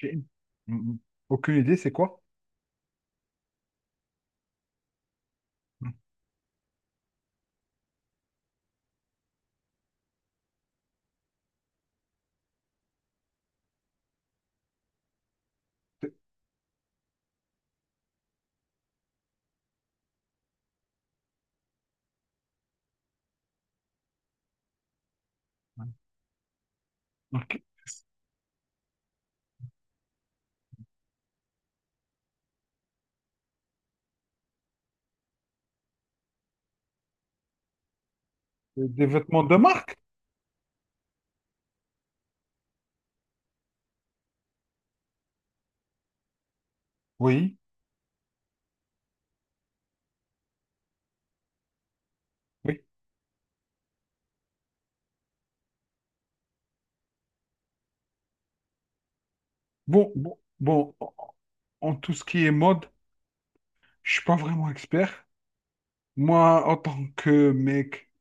J'ai Mhm. aucune idée, c'est quoi? Mm. Ok. Des vêtements de marque? Oui, oui. Bon, bon, bon, en tout ce qui est mode, je suis pas vraiment expert. Moi, en tant que mec,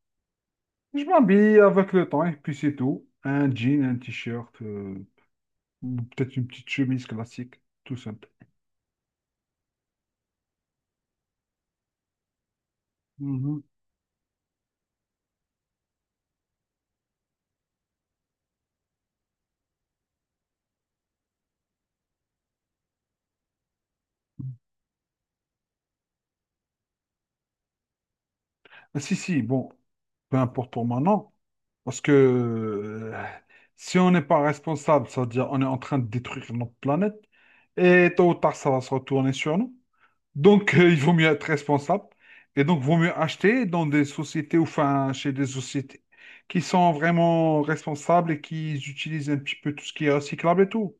je m'habille avec le temps et puis c'est tout. Un jean, un t-shirt, ou peut-être une petite chemise classique, tout simple. Mm-hmm. Ah, si, si, bon, peu importe pour moi, non. Parce que si on n'est pas responsable, ça veut dire on est en train de détruire notre planète, et tôt ou tard, ça va se retourner sur nous. Donc, il vaut mieux être responsable, et donc, vaut mieux acheter dans des sociétés, ou enfin, chez des sociétés qui sont vraiment responsables et qui utilisent un petit peu tout ce qui est recyclable et tout.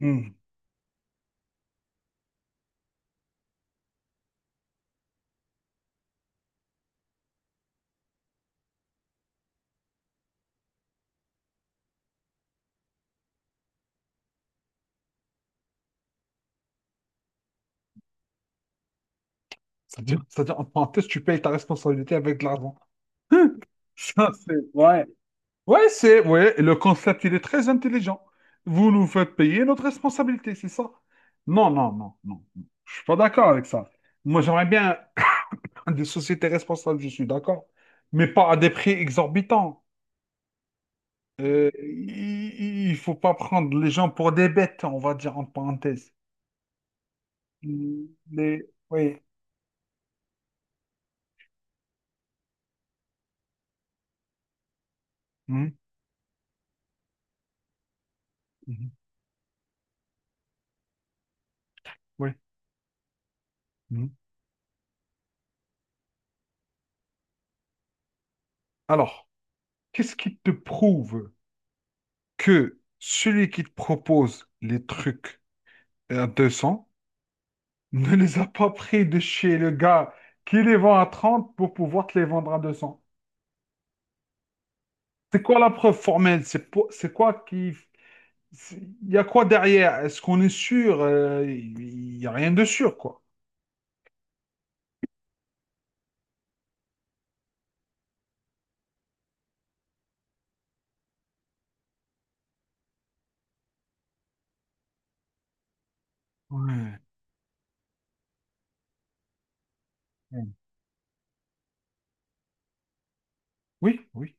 Hmm. C'est-à-dire, en parenthèse, tu payes ta responsabilité avec de l'argent. Ouais. Ouais, c'est, ouais, le concept, il est très intelligent. Vous nous faites payer notre responsabilité, c'est ça? Non, non, non, non. Je suis pas d'accord avec ça. Moi, j'aimerais bien des sociétés responsables, je suis d'accord, mais pas à des prix exorbitants. Il faut pas prendre les gens pour des bêtes, on va dire en parenthèse. Les, oui. Mhm, mhm, oui, mhm. Alors, qu'est-ce qui te prouve que celui qui te propose les trucs à 200 ne les a pas pris de chez le gars qui les vend à 30 pour pouvoir te les vendre à 200. C'est quoi la preuve formelle? C'est po- c'est quoi qui... c'est- Il y a quoi derrière? Est-ce qu'on est sûr? Il n'y a rien de sûr, quoi. Ouais. Oui, oui.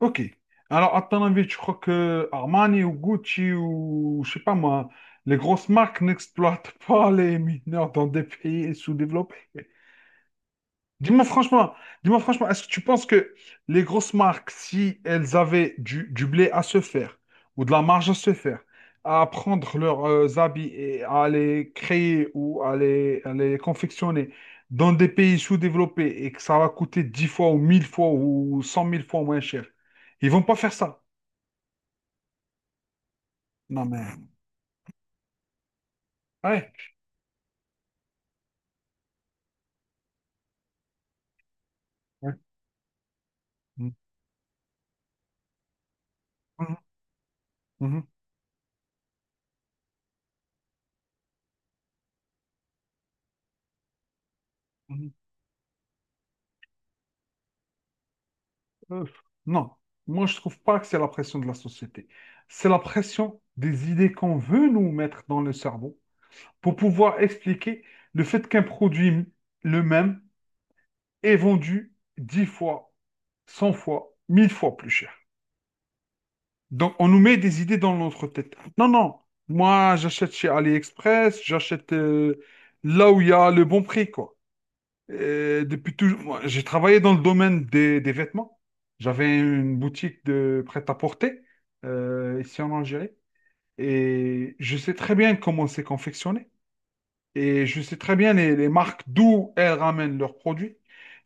Ok. Alors, à ton avis, tu crois que Armani ou Gucci ou, je sais pas moi, les grosses marques n'exploitent pas les mineurs dans des pays sous-développés? Dis-moi franchement, dis-moi franchement, est-ce que tu penses que les grosses marques, si elles avaient du blé à se faire ou de la marge à se faire, à prendre leurs habits et à les créer ou à les confectionner dans des pays sous-développés et que ça va coûter 10 fois ou 1000 fois ou 100 000 fois moins cher, ils vont pas faire ça. Non mais ouais. Ouais. Mhm, mhm, mhm. Euh, non, moi je trouve pas que c'est la pression de la société. C'est la pression des idées qu'on veut nous mettre dans le cerveau pour pouvoir expliquer le fait qu'un produit le même est vendu 10 fois, 100 fois, 1000 fois plus cher. Donc on nous met des idées dans notre tête. Non, non, moi j'achète chez AliExpress, j'achète là où il y a le bon prix, quoi. Depuis toujours, moi, j'ai travaillé dans le domaine des vêtements. J'avais une boutique de prêt-à-porter ici en Algérie et je sais très bien comment c'est confectionné et je sais très bien les marques d'où elles ramènent leurs produits.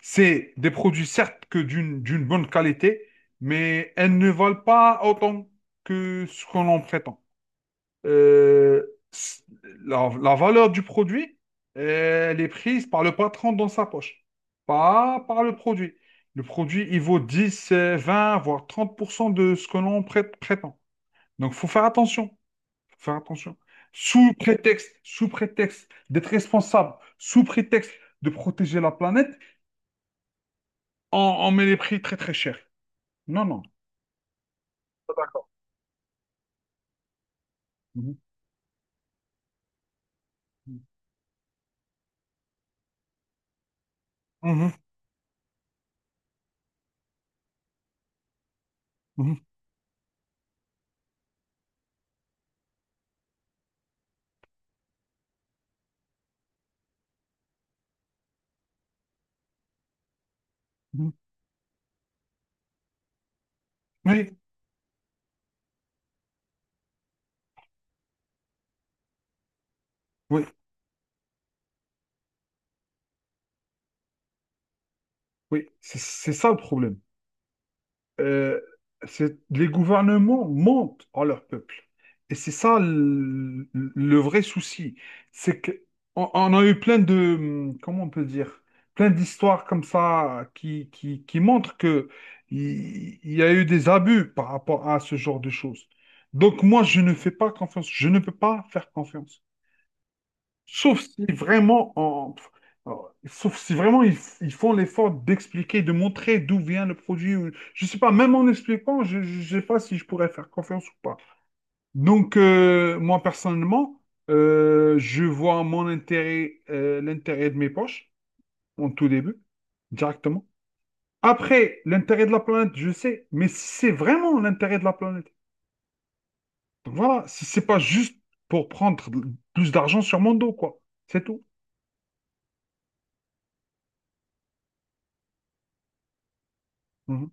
C'est des produits certes que d'une bonne qualité, mais elles ne valent pas autant que ce qu'on en prétend. Euh, la, la valeur du produit, elle est prise par le patron dans sa poche, pas par le produit. Le produit, il vaut 10, 20, voire 30% de ce que l'on prétend. Donc, faut faire attention. Faut faire attention. Sous prétexte d'être responsable, sous prétexte de protéger la planète, on met les prix très très chers. Non, non. D'accord. Mhm. Mhm. Mhm. Mhm. Oui, oui, oui. C'est ça le problème. euh, les gouvernements mentent à leur peuple. Et c'est ça le vrai souci. C'est que on a eu plein de, comment on peut dire, plein d'histoires comme ça qui montrent que il y a eu des abus par rapport à ce genre de choses. Donc moi, je ne fais pas confiance. Je ne peux pas faire confiance. Sauf si vraiment, sauf si vraiment ils font l'effort d'expliquer, de montrer d'où vient le produit. Je sais pas, même en expliquant, je ne sais pas si je pourrais faire confiance ou pas. Donc, moi, personnellement, je vois mon intérêt, l'intérêt de mes poches, en tout début, directement. Après, l'intérêt de la planète, je sais, mais si c'est vraiment l'intérêt de la planète, donc voilà, si c'est pas juste pour prendre plus d'argent sur mon dos, quoi. C'est tout. Mhm.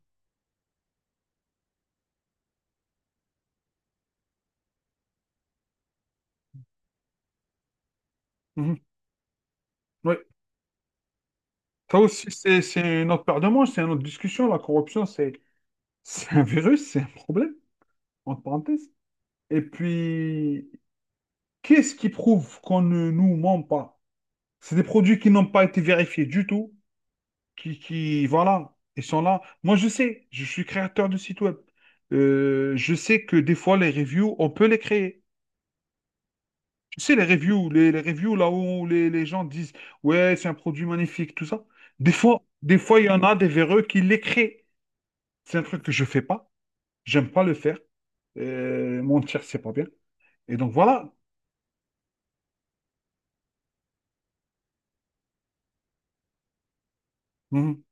Mhm. Oui. Ça aussi, c'est une autre paire de manches, c'est une autre discussion. La corruption, c'est c'est un virus, c'est un problème, entre parenthèses. Et puis, qu'est-ce qui prouve qu'on ne nous ment pas? C'est des produits qui n'ont pas été vérifiés du tout, voilà, ils sont là. Moi, je sais, je suis créateur de site web. Je sais que des fois, les reviews, on peut les créer. Tu sais, les reviews, les reviews là où les gens disent, ouais, c'est un produit magnifique, tout ça. Des fois, il y en a des véreux qui les créent. C'est un truc que je fais pas. J'aime pas le faire. Mentir, c'est pas bien. Et donc voilà. Mhm,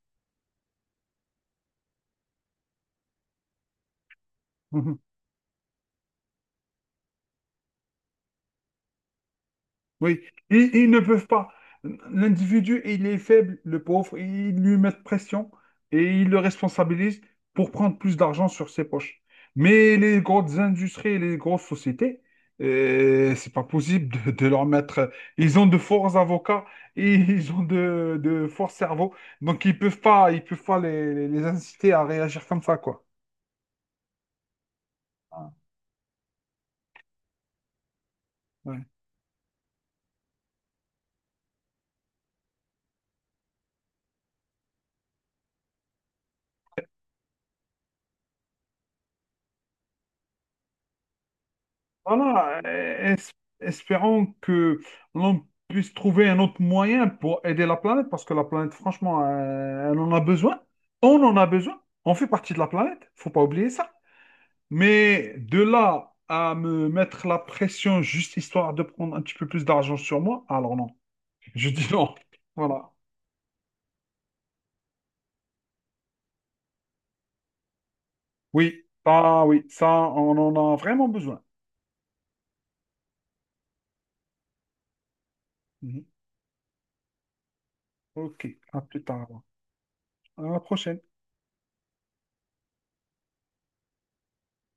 mhm. Oui, ils ne peuvent pas. L'individu, il est faible, le pauvre, ils lui mettent pression et ils le responsabilisent pour prendre plus d'argent sur ses poches. Mais les grosses industries et les grosses sociétés, c'est pas possible de leur mettre. Ils ont de forts avocats et ils ont de forts cerveaux, donc ils peuvent pas les inciter à réagir comme ça, quoi. Ah. Ouais. Voilà, espérons que l'on puisse trouver un autre moyen pour aider la planète, parce que la planète, franchement, elle en a besoin. On en a besoin. On fait partie de la planète, faut pas oublier ça. Mais de là à me mettre la pression juste histoire de prendre un petit peu plus d'argent sur moi, alors non. Je dis non. Voilà. Oui, ah oui, ça, on en a vraiment besoin. Mhm. Ok, à plus tard, alors. À la prochaine.